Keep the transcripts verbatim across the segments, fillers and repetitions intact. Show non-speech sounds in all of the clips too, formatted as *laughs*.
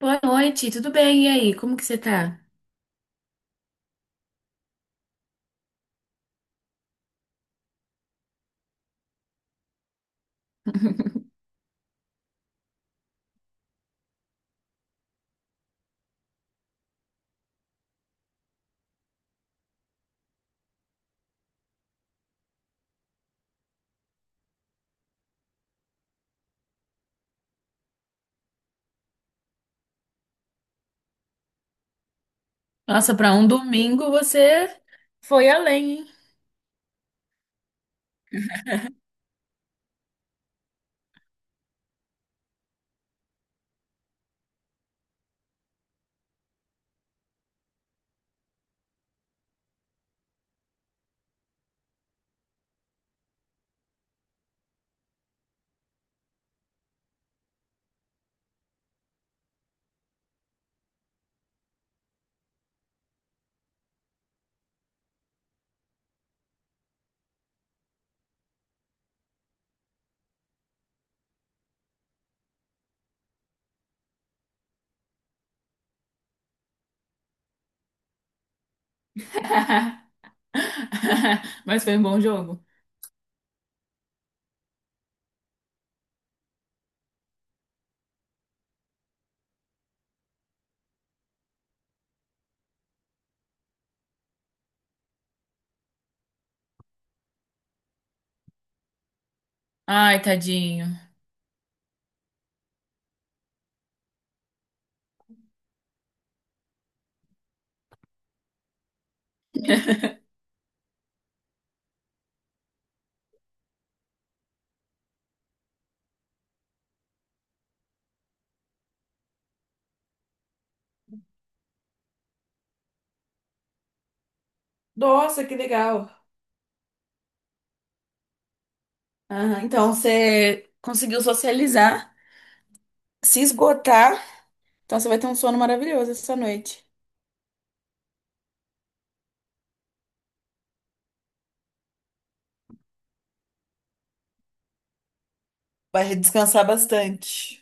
Boa noite, tudo bem? E aí, como que você tá? *laughs* Nossa, pra um domingo você foi além, hein? *laughs* Mas foi um bom jogo. Ai, tadinho. Nossa, que legal. Aham, então você conseguiu socializar, se esgotar. Então você vai ter um sono maravilhoso essa noite. Vai descansar bastante.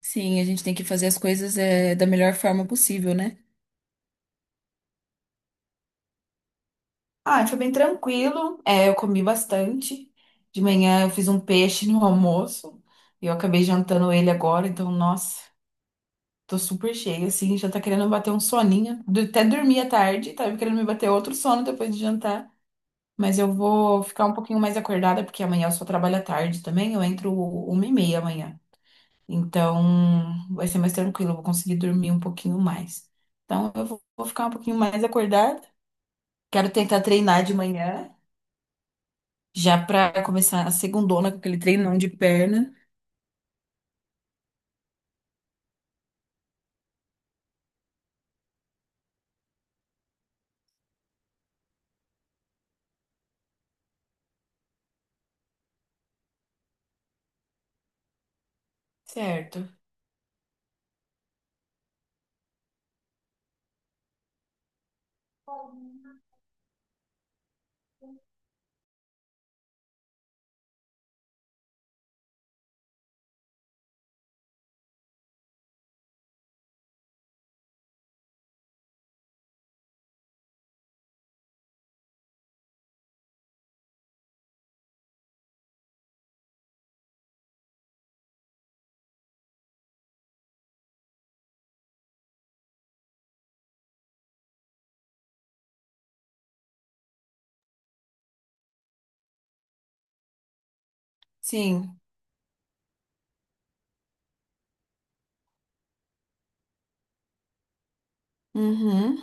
Sim, a gente tem que fazer as coisas é, da melhor forma possível, né? Ah, foi bem tranquilo. É, eu comi bastante. De manhã eu fiz um peixe no almoço e eu acabei jantando ele agora, então, nossa, tô super cheia, assim, já tá querendo bater um soninho. Du- Até dormi à tarde, tava querendo me bater outro sono depois de jantar. Mas eu vou ficar um pouquinho mais acordada, porque amanhã eu só trabalho à tarde também, eu entro uma e meia amanhã. Então, vai ser mais tranquilo, eu vou conseguir dormir um pouquinho mais. Então, eu vou vou ficar um pouquinho mais acordada. Quero tentar treinar de manhã. Já pra começar a segundona com aquele treinão de perna. Certo. Sim. Uhum.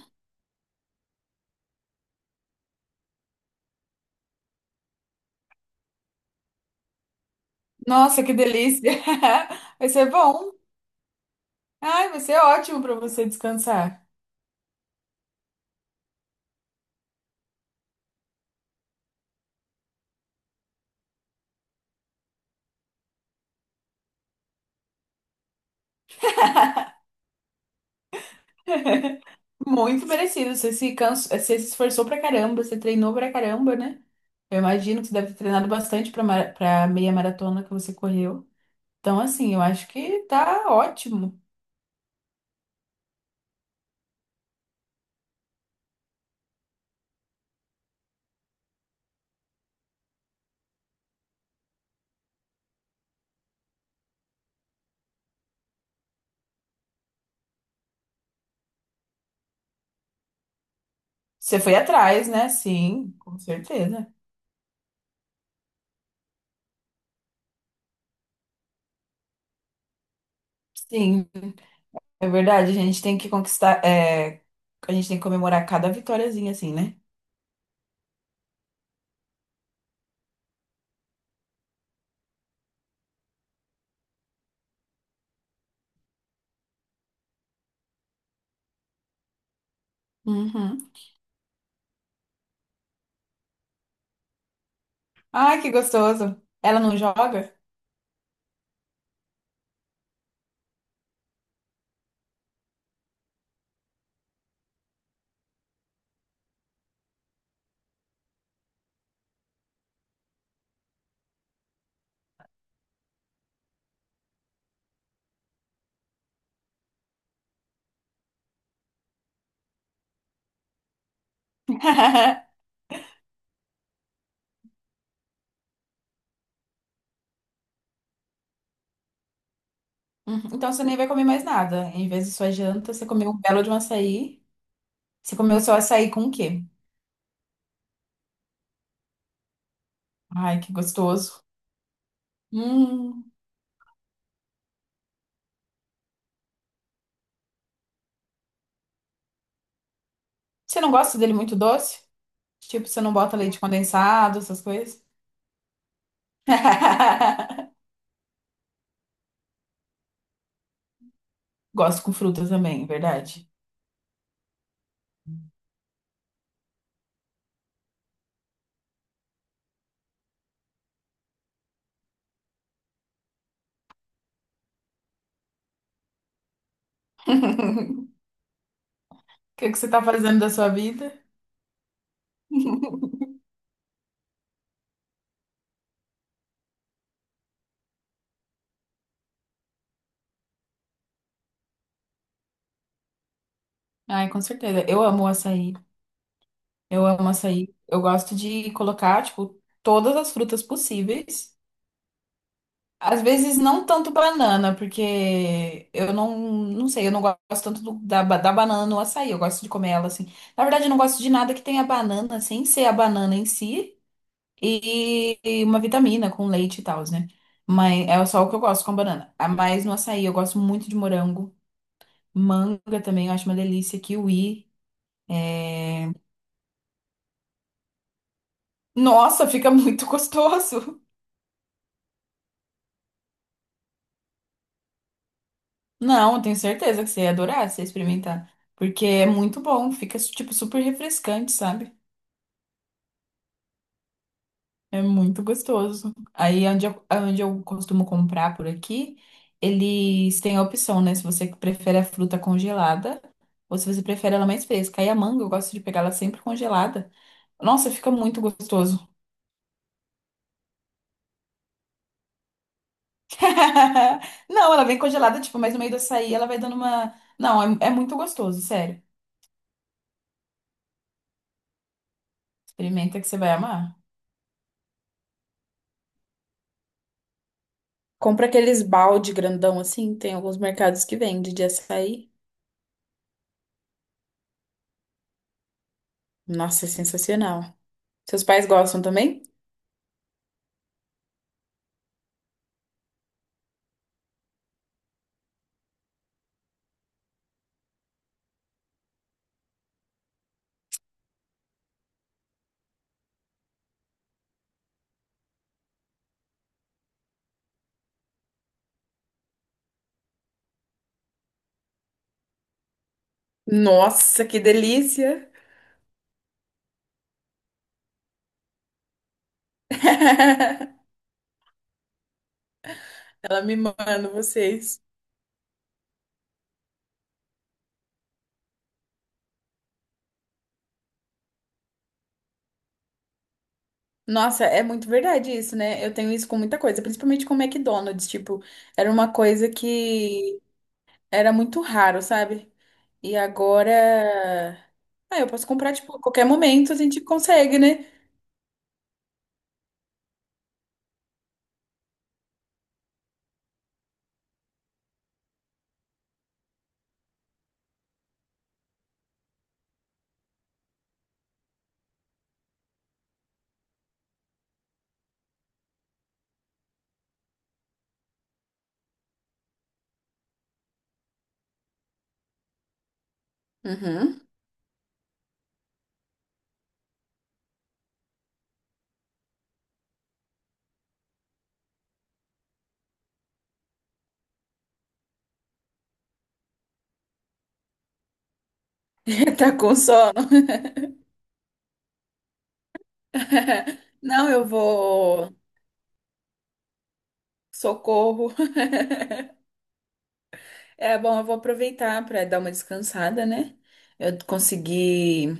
Nossa, que delícia! *laughs* Vai ser bom. Ai, vai ser ótimo pra você descansar. Muito merecido. Você se cansa, você se esforçou pra caramba, você treinou pra caramba, né? Eu imagino que você deve ter treinado bastante pra, mar... pra meia maratona que você correu. Então, assim, eu acho que tá ótimo. Você foi atrás, né? Sim, com certeza. Sim. É verdade, a gente tem que conquistar, é, a gente tem que comemorar cada vitóriazinha assim, né? Uhum. Ai, que gostoso. Ela não joga? *laughs* Uhum. Então você nem vai comer mais nada. Em vez de sua janta, você comeu um belo de um açaí. Você comeu seu açaí com o quê? Ai, que gostoso. Hum. Você não gosta dele muito doce? Tipo, você não bota leite condensado, essas coisas? *laughs* Gosto com fruta também, é verdade. *laughs* O que que você tá fazendo da sua vida? Ai, com certeza. Eu amo o açaí. Eu amo açaí. Eu gosto de colocar, tipo, todas as frutas possíveis. Às vezes não tanto banana, porque eu não, não sei, eu não gosto tanto do- da, ba- da banana no açaí. Eu gosto de comer ela assim. Na verdade, eu não gosto de nada que tenha banana, sem ser a banana em si, e, e uma vitamina com leite e tal, né? Mas é só o que eu gosto com banana. Ah, mas no açaí eu gosto muito de morango. Manga também, eu acho uma delícia. Kiwi. É, nossa, fica muito *laughs* gostoso. Não, eu tenho certeza que você ia adorar se você experimentar. Porque é muito bom, fica tipo super refrescante, sabe? É muito gostoso. Aí onde eu, onde eu costumo comprar por aqui, eles têm a opção, né? Se você prefere a fruta congelada ou se você prefere ela mais fresca. Aí a manga, eu gosto de pegar ela sempre congelada. Nossa, fica muito gostoso. *laughs* Não, ela vem congelada, tipo, mas no meio do açaí ela vai dando uma. Não, é, é muito gostoso, sério. Experimenta que você vai amar. Compra aqueles balde grandão assim, tem alguns mercados que vende de açaí. Nossa, é sensacional. Seus pais gostam também? Nossa, que delícia! *laughs* Ela me manda vocês. Nossa, é muito verdade isso, né? Eu tenho isso com muita coisa, principalmente com o McDonald's, tipo, era uma coisa que era muito raro, sabe? E agora, ah, eu posso comprar, tipo, a qualquer momento a gente consegue, né? Uhum. *laughs* Tá com sono. *laughs* Não, eu vou. Socorro. *laughs* É bom, eu vou aproveitar para dar uma descansada, né? Eu consegui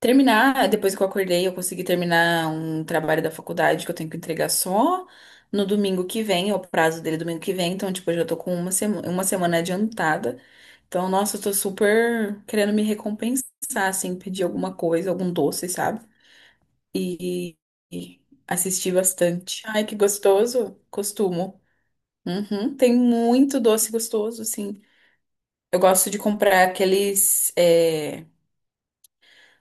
terminar, depois que eu acordei, eu consegui terminar um trabalho da faculdade que eu tenho que entregar só no domingo que vem, é o prazo dele domingo que vem, então, tipo, eu já tô com uma semana, uma semana adiantada. Então, nossa, eu tô super querendo me recompensar, assim, pedir alguma coisa, algum doce, sabe? E, e assistir bastante. Ai, que gostoso. Costumo. Uhum, tem muito doce gostoso, assim. Eu gosto de comprar aqueles. é,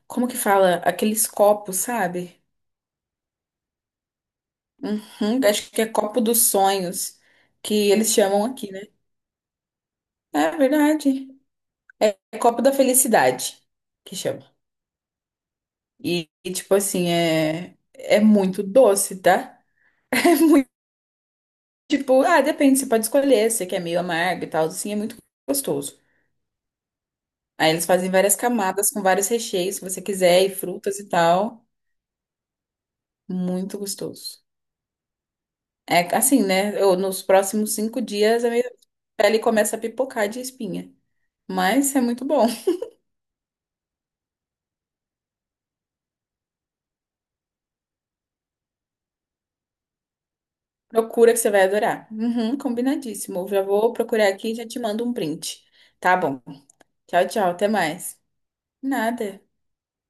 Como que fala? Aqueles copos, sabe? Uhum, acho que é copo dos sonhos, que eles chamam aqui, né? É verdade. É, é copo da felicidade, que chama. E, e, tipo assim, é, é muito doce, tá? *laughs* É muito, tipo, ah, depende, você pode escolher, se você quer meio amargo e tal, assim, é muito gostoso. Aí eles fazem várias camadas com vários recheios, se você quiser, e frutas e tal. Muito gostoso. É assim, né? Eu, nos próximos cinco dias a minha pele começa a pipocar de espinha. Mas é muito bom. *laughs* Procura que você vai adorar. Uhum, combinadíssimo. Eu já vou procurar aqui e já te mando um print. Tá bom. Tchau, tchau. Até mais. Nada.